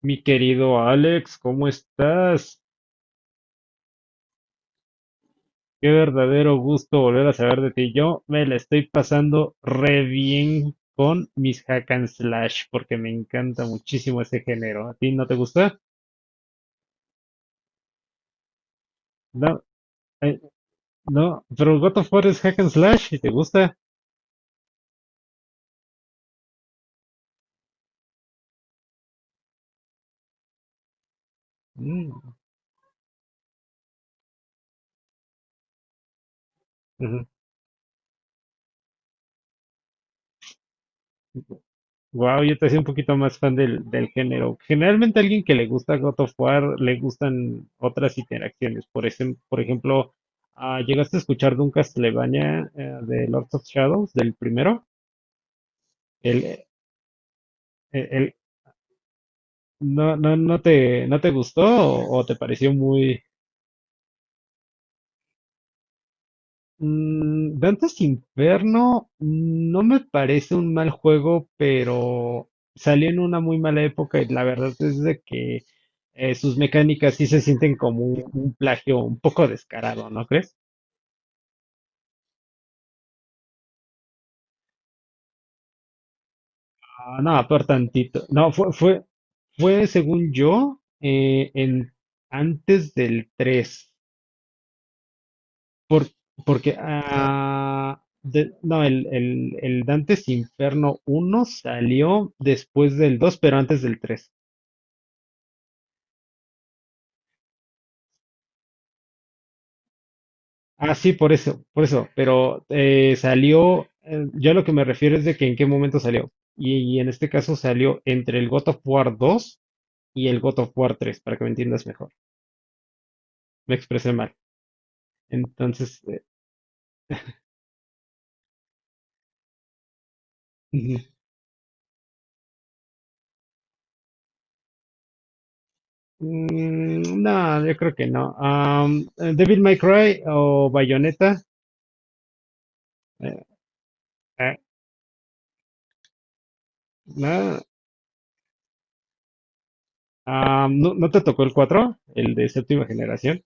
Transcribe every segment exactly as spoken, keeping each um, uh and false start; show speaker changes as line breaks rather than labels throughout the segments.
Mi querido Alex, ¿cómo estás? Qué verdadero gusto volver a saber de ti. Yo me la estoy pasando re bien con mis hack and slash porque me encanta muchísimo ese género. ¿A ti no te gusta? No, eh, no, pero God of War es hack and slash y te gusta. Mm. Ujú. Wow, yo te soy un poquito más fan del, del género. Generalmente a alguien que le gusta God of War le gustan otras interacciones. Por ese- por ejemplo, ah, ¿llegaste a escuchar de un Castlevania, eh, de Lords of Shadows, del primero? El, el- el- ¿No, no, no te, no te gustó, o, o te pareció muy? Mm, Dante's Inferno no me parece un mal juego, pero salió en una muy mala época y la verdad es de que, eh, sus mecánicas sí se sienten como un, un plagio un poco descarado, ¿no crees? Ah, no, por tantito. No, fue, fue, fue según yo, eh, en, antes del tres. Por, porque, ah, de- no, el, el, el Dante's Inferno uno salió después del dos, pero antes del tres. Ah, sí, por eso, por eso. Pero eh, salió, eh, yo a lo que me refiero es de que en qué momento salió. Y, y en este caso salió entre el God of War dos y el God of War tres, para que me entiendas mejor. Me expresé mal. Entonces, eh, ujú. mm, no, yo creo que no. Am, eh, Devil May Cry o Bayonetta, eh, eh, no. Am, ¿no, no te tocó el cuatro, el de séptima generación?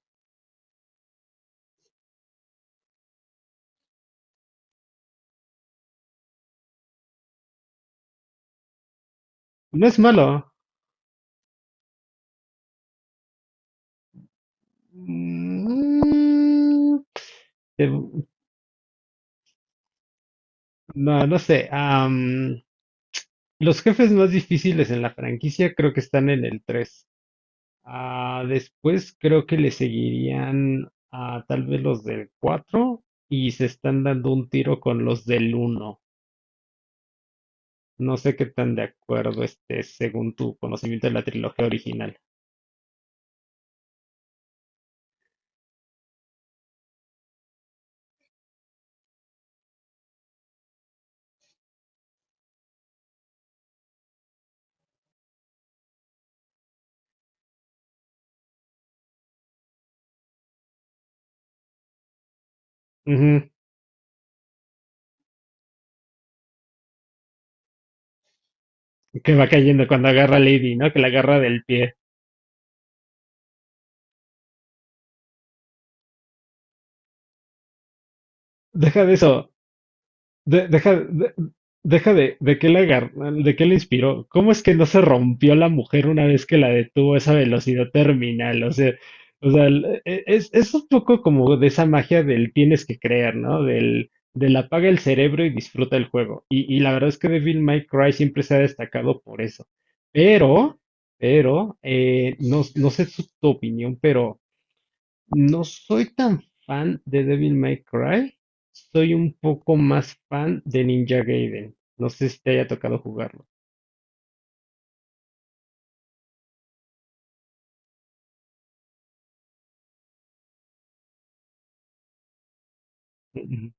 No es malo. Mm. te- No, no sé. am, los jefes más difíciles en la franquicia creo que están en el tres. Ah, después creo que le seguirían a tal vez los del cuatro y se están dando un tiro con los del uno. No sé qué tan de acuerdo estés según tu conocimiento de la trilogía original. Ujú. Que va cayendo cuando agarra a Lady, ¿no? Que la agarra del pie. Deja de eso. de- deja, de, deja de, de qué le agar- de qué le inspiró. ¿Cómo es que no se rompió la mujer una vez que la detuvo a esa velocidad terminal? O sea, o sea, el- e- es, es un poco como de esa magia del tienes que creer, ¿no? Del, del apaga el cerebro y disfruta el juego. Y, y la verdad es que Devil May Cry siempre se ha destacado por eso. Pero, pero, eh, no, no sé su- tu opinión, pero no soy tan fan de Devil May Cry, soy un poco más fan de Ninja Gaiden. No sé si te haya tocado jugarlo. Ujú,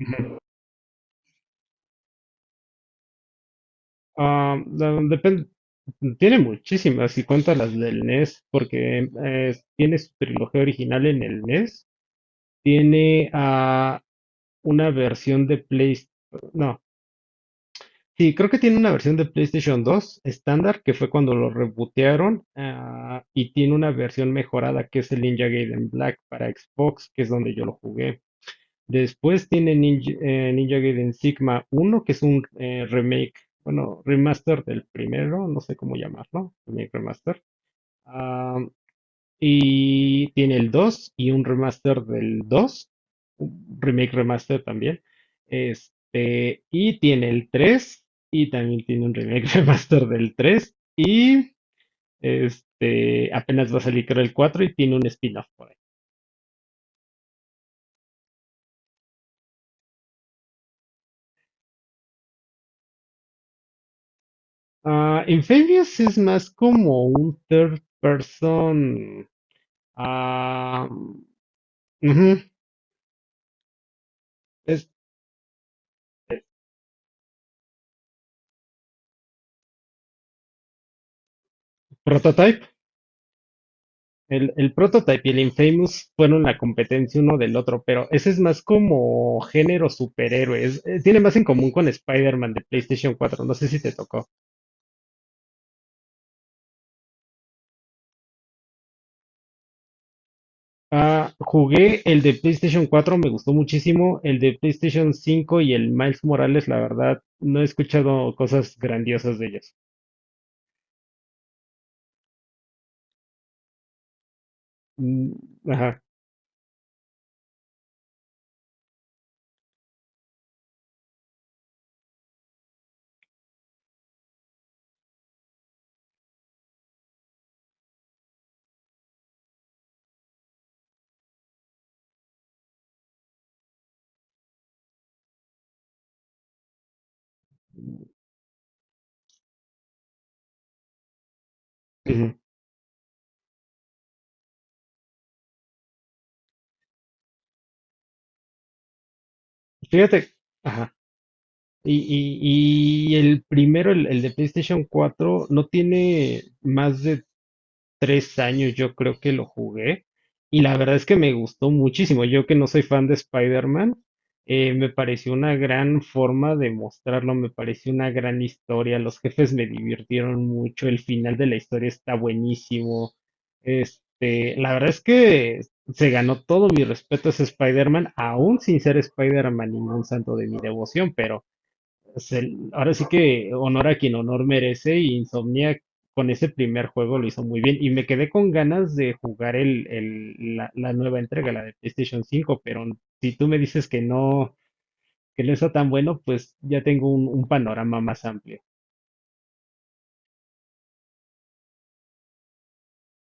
ujú. Ah, no, depende. Tiene muchísimas, y cuenta las del NES, porque eh, tiene su trilogía original en el NES, tiene, ah, una versión de PlayStation. Sí, creo que tiene una versión de PlayStation dos estándar, que fue cuando lo rebootearon, ah, y tiene una versión mejorada que es el Ninja Gaiden Black para Xbox, que es donde yo lo jugué. Después tiene Ninja, eh, Ninja Gaiden Sigma uno, que es un, eh, remake, bueno, remaster del primero, no sé cómo llamarlo, remake remaster. Ah, y tiene el dos y un remaster del dos, un remake remaster también. Este, y tiene el tres, y también tiene un remake remaster del tres y, este, apenas va a salir creo el cuatro y tiene un spin-off por ahí. Ah, Infamous es más como un third person. ah, ujú, es prototype. El, el Prototype y el Infamous fueron la competencia uno del otro, pero ese es más como género superhéroes. Eh, Tiene más en común con Spider-Man de PlayStation cuatro. No sé si te tocó. Ah, jugué el de PlayStation cuatro, me gustó muchísimo. El de PlayStation cinco y el Miles Morales, la verdad, no he escuchado cosas grandiosas de ellos. Mm. Ajá. Ujú. Fíjate. Ajá. Y, y- y el primero, el, el de PlayStation cuatro, no tiene más de tres años, yo creo que lo jugué, y la verdad es que me gustó muchísimo. Yo, que no soy fan de Spider-Man, eh, me pareció una gran forma de mostrarlo, me pareció una gran historia, los jefes me divirtieron mucho, el final de la historia está buenísimo. Este, la verdad es que se ganó todo mi respeto a ese Spider-Man, aún sin ser Spider-Man ningún santo de mi devoción, pero... Pues el- ahora sí que honor a quien honor merece, y Insomnia, con ese primer juego, lo hizo muy bien, y me quedé con ganas de jugar el, el- la, la nueva entrega, la de PlayStation cinco, pero si tú me dices que no, que no está tan bueno, pues ya tengo un, un panorama más amplio.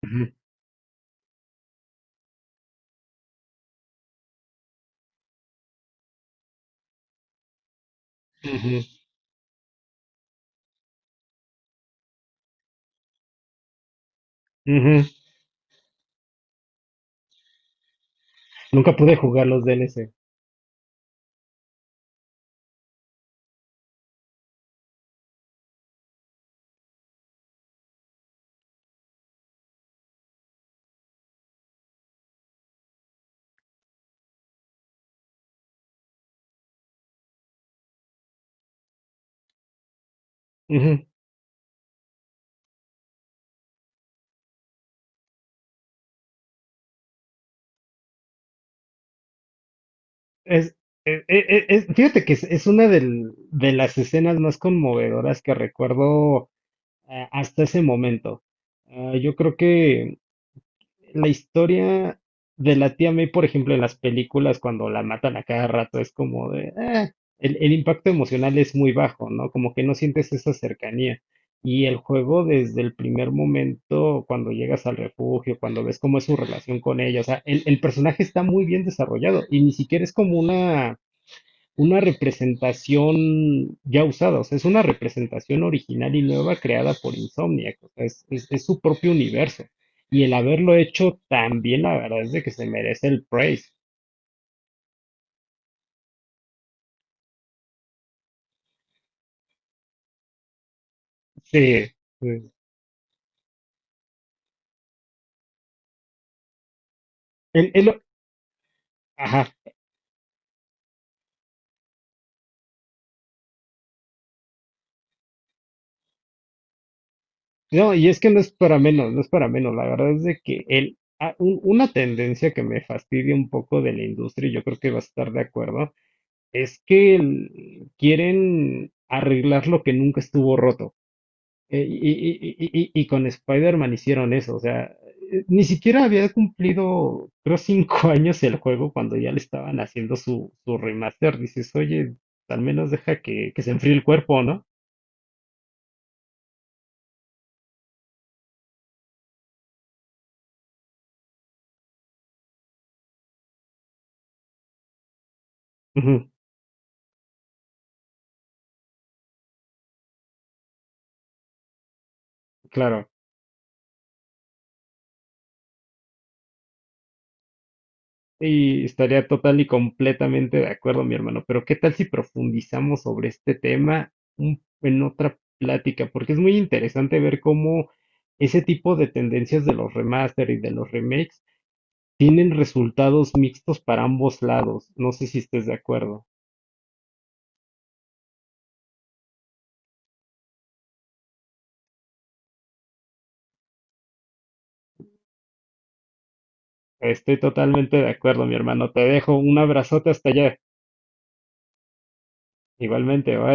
Ujú, ujú, ujú. Nunca pude jugar los D L C. Ujú. Es, e- e- e- es- fíjate que es, es una del- de las escenas más conmovedoras que recuerdo, eh, hasta ese momento. Ah, yo creo que la historia de la tía May, por ejemplo, en las películas, cuando la matan a cada rato, es como de "Ah", el, el impacto emocional es muy bajo, ¿no? Como que no sientes esa cercanía. Y el juego, desde el primer momento, cuando llegas al refugio, cuando ves cómo es su relación con ella, o sea, el, el personaje está muy bien desarrollado, y ni siquiera es como una una representación ya usada. O sea, es una representación original y nueva creada por Insomniac. O sea, es, es- es su propio universo. Y el haberlo hecho tan bien, la verdad es de que se merece el praise. Sí, sí. El- el- ajá. No, y es que no es para menos, no es para menos. La verdad es de que el, a- un- una tendencia que me fastidia un poco de la industria, y yo creo que vas a estar de acuerdo, es que el- quieren arreglar lo que nunca estuvo roto. Eh, y, y- y- y- y con Spider-Man hicieron eso, o sea, eh, ni siquiera había cumplido, creo, cinco años el juego cuando ya le estaban haciendo su, su remaster. Dices, oye, al menos deja que, que se enfríe el cuerpo, ¿no? Ujú. Claro. Y estaría total y completamente de acuerdo, mi hermano. Pero ¿qué tal si profundizamos sobre este tema un- en otra plática? Porque es muy interesante ver cómo ese tipo de tendencias de los remaster y de los remakes tienen resultados mixtos para ambos lados. No sé si estés de acuerdo. Estoy totalmente de acuerdo, mi hermano. Te dejo un abrazote hasta allá. Igualmente, bye.